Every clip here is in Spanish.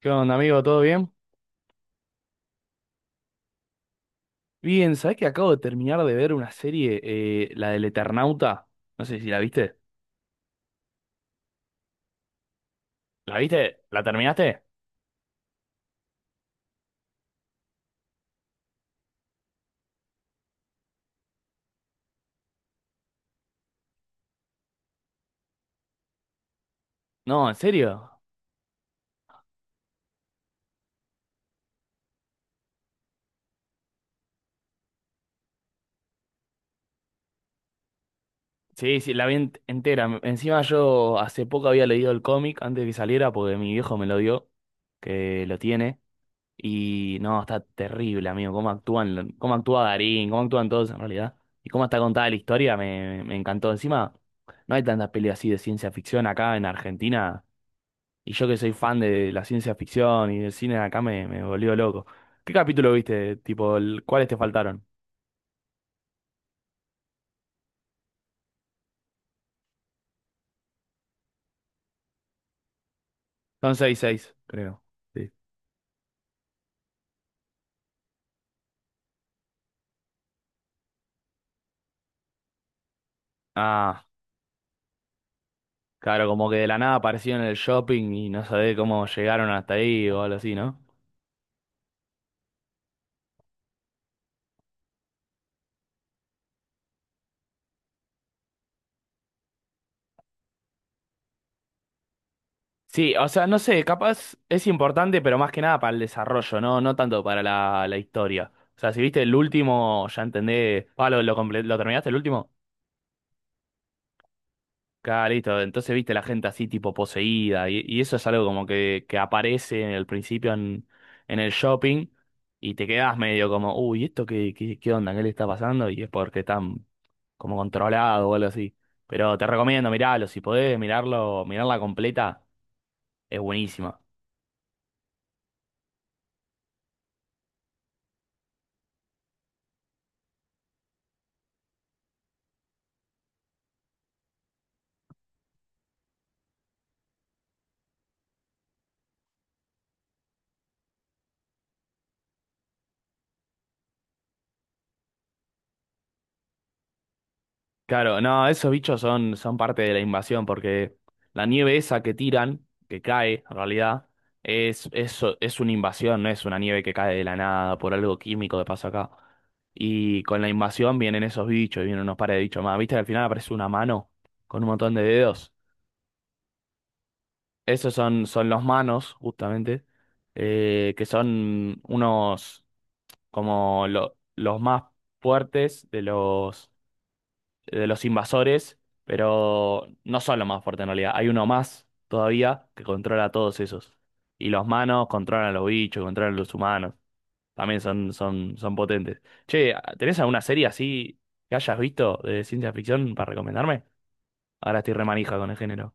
¿Qué onda, amigo? ¿Todo bien? Bien, ¿sabés que acabo de terminar de ver una serie, la del Eternauta? No sé si la viste. ¿La viste? ¿La terminaste? No, ¿en serio? Sí, sí, la vi entera. Encima yo hace poco había leído el cómic antes de que saliera porque mi viejo me lo dio, que lo tiene. Y no, está terrible, amigo. Cómo actúan, cómo actúa Darín, cómo actúan todos en realidad. Y cómo está contada la historia, me encantó. Encima, no hay tantas peleas así de ciencia ficción acá en Argentina. Y yo que soy fan de la ciencia ficción y del cine, acá me volvió loco. ¿Qué capítulo viste? Tipo, ¿cuáles te faltaron? Son seis, seis, creo. Sí. Ah, claro, como que de la nada aparecieron en el shopping y no sabés cómo llegaron hasta ahí o algo así, ¿no? Sí, o sea, no sé, capaz es importante, pero más que nada para el desarrollo, ¿no? No tanto para la historia. O sea, si viste el último, ya entendé. Ah, ¿lo terminaste el último? Claro, listo. Entonces viste la gente así tipo poseída y eso es algo como que aparece en el principio en el shopping y te quedás medio como, uy, ¿esto qué onda? ¿Qué le está pasando? Y es porque están como controlados o algo así. Pero te recomiendo mirarlo, si podés mirarlo, mirarla completa, es buenísima. Claro, no, esos bichos son parte de la invasión porque la nieve esa que tiran, que cae en realidad, es una invasión, no es una nieve que cae de la nada por algo químico que pasa acá. Y con la invasión vienen esos bichos y vienen unos pares de bichos más. ¿Viste que al final aparece una mano con un montón de dedos? Esos son los manos, justamente, que son unos como los más fuertes de los invasores, pero no son los más fuertes en realidad. Hay uno más todavía que controla a todos esos. Y los manos controlan a los bichos, controlan a los humanos. También son potentes. Che, ¿tenés alguna serie así que hayas visto de ciencia ficción para recomendarme? Ahora estoy remanija con el género.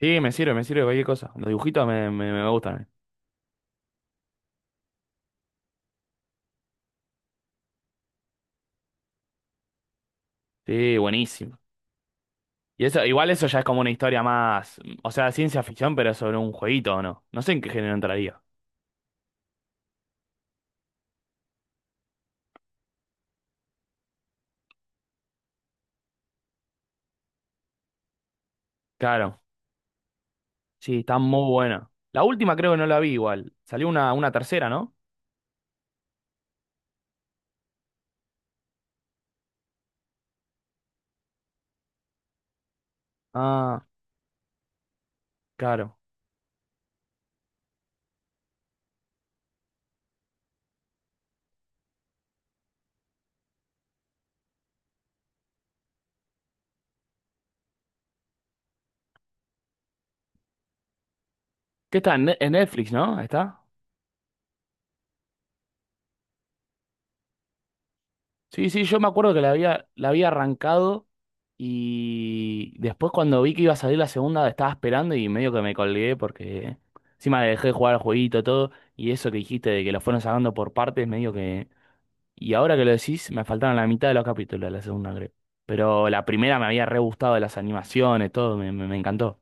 Sí, me sirve cualquier cosa. Los dibujitos me gustan. Sí, buenísimo. Y eso, igual eso ya es como una historia más, o sea, ciencia ficción, pero sobre un jueguito o no. No sé en qué género entraría. Claro. Sí, está muy buena. La última creo que no la vi igual. Salió una tercera, ¿no? Ah, claro. ¿Qué está? En en Netflix, ¿no? Ahí, ¿está? Sí, sí, yo me acuerdo que la había arrancado y después cuando vi que iba a salir la segunda estaba esperando y medio que me colgué porque encima dejé de jugar al jueguito todo y eso que dijiste de que lo fueron sacando por partes, medio que. Y ahora que lo decís, me faltaron la mitad de los capítulos de la segunda, creo. Pero la primera me había re gustado de las animaciones, todo, me encantó.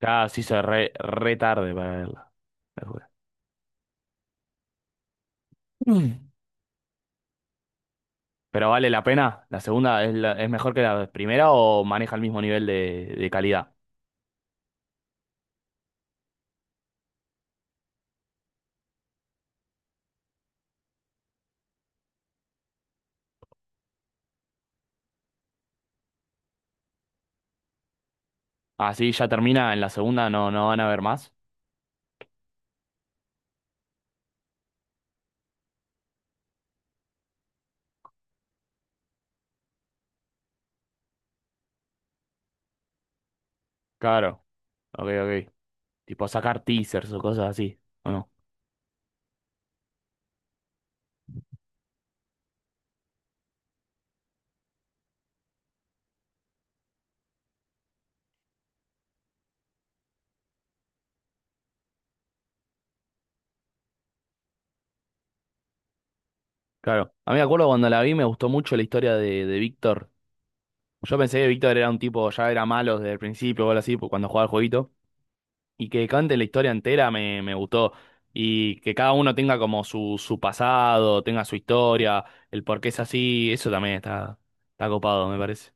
Ya se hizo re tarde para verla. La juro. Mm. Pero vale la pena. ¿La segunda es mejor que la primera o maneja el mismo nivel de calidad? Así ya termina en la segunda, no, no van a ver más. Claro, ok, ok. Tipo sacar teasers o cosas así, ¿o no? Claro. A mí me acuerdo cuando la vi me gustó mucho la historia de Víctor. Yo pensé que Víctor era un tipo, ya era malo desde el principio o algo así, pues, cuando jugaba el jueguito. Y que cante la historia entera me gustó. Y que cada uno tenga como su pasado, tenga su historia, el por qué es así, eso también está copado, me parece.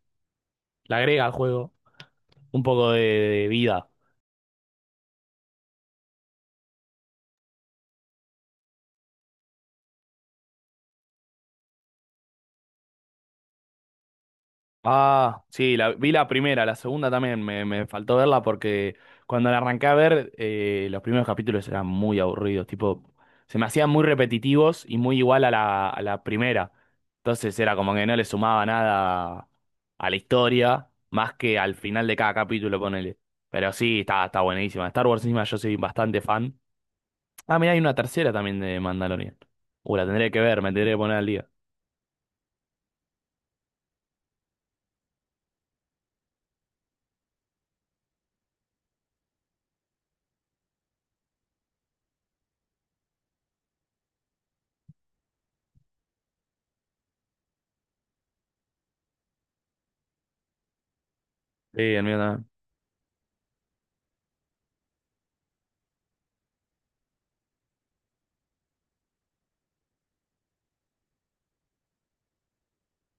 Le agrega al juego un poco de vida. Ah, sí, vi la primera, la segunda también me faltó verla porque cuando la arranqué a ver, los primeros capítulos eran muy aburridos, tipo, se me hacían muy repetitivos y muy igual a la primera. Entonces era como que no le sumaba nada a la historia, más que al final de cada capítulo, ponele. Pero sí, está buenísima. Star Wars encima yo soy bastante fan. Ah, mirá, hay una tercera también de Mandalorian. La tendré que ver, me tendré que poner al día. Sí, el mío también.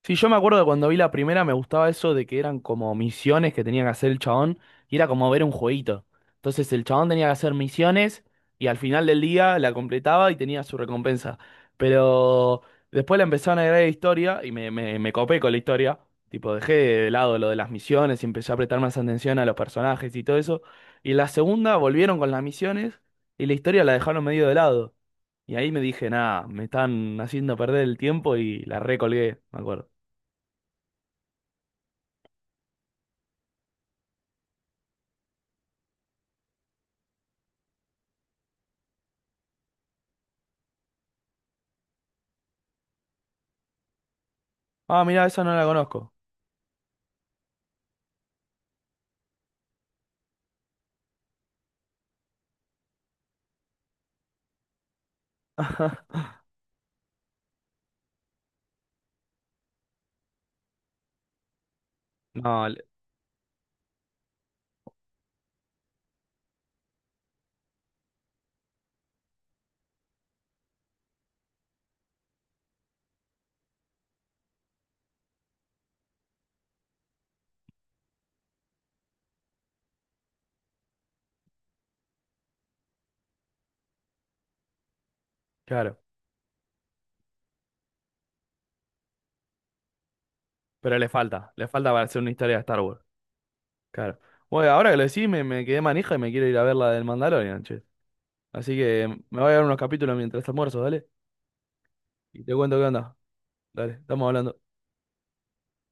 Sí, yo me acuerdo de cuando vi la primera, me gustaba eso de que eran como misiones que tenía que hacer el chabón y era como ver un jueguito. Entonces el chabón tenía que hacer misiones y al final del día la completaba y tenía su recompensa. Pero después le empezaron a agregar historia y me copé con la historia. Tipo, dejé de lado lo de las misiones y empecé a prestar más atención a los personajes y todo eso. Y en la segunda volvieron con las misiones y la historia la dejaron medio de lado. Y ahí me dije, nada, me están haciendo perder el tiempo y la recolgué, me acuerdo. Ah, mira, esa no la conozco. No, claro, pero le falta para hacer una historia de Star Wars. Claro. Bueno, ahora que lo decís, me quedé manija y me quiero ir a ver la del Mandalorian, che. Así que me voy a ver unos capítulos mientras almuerzo, dale. Y te cuento qué onda. Dale, estamos hablando.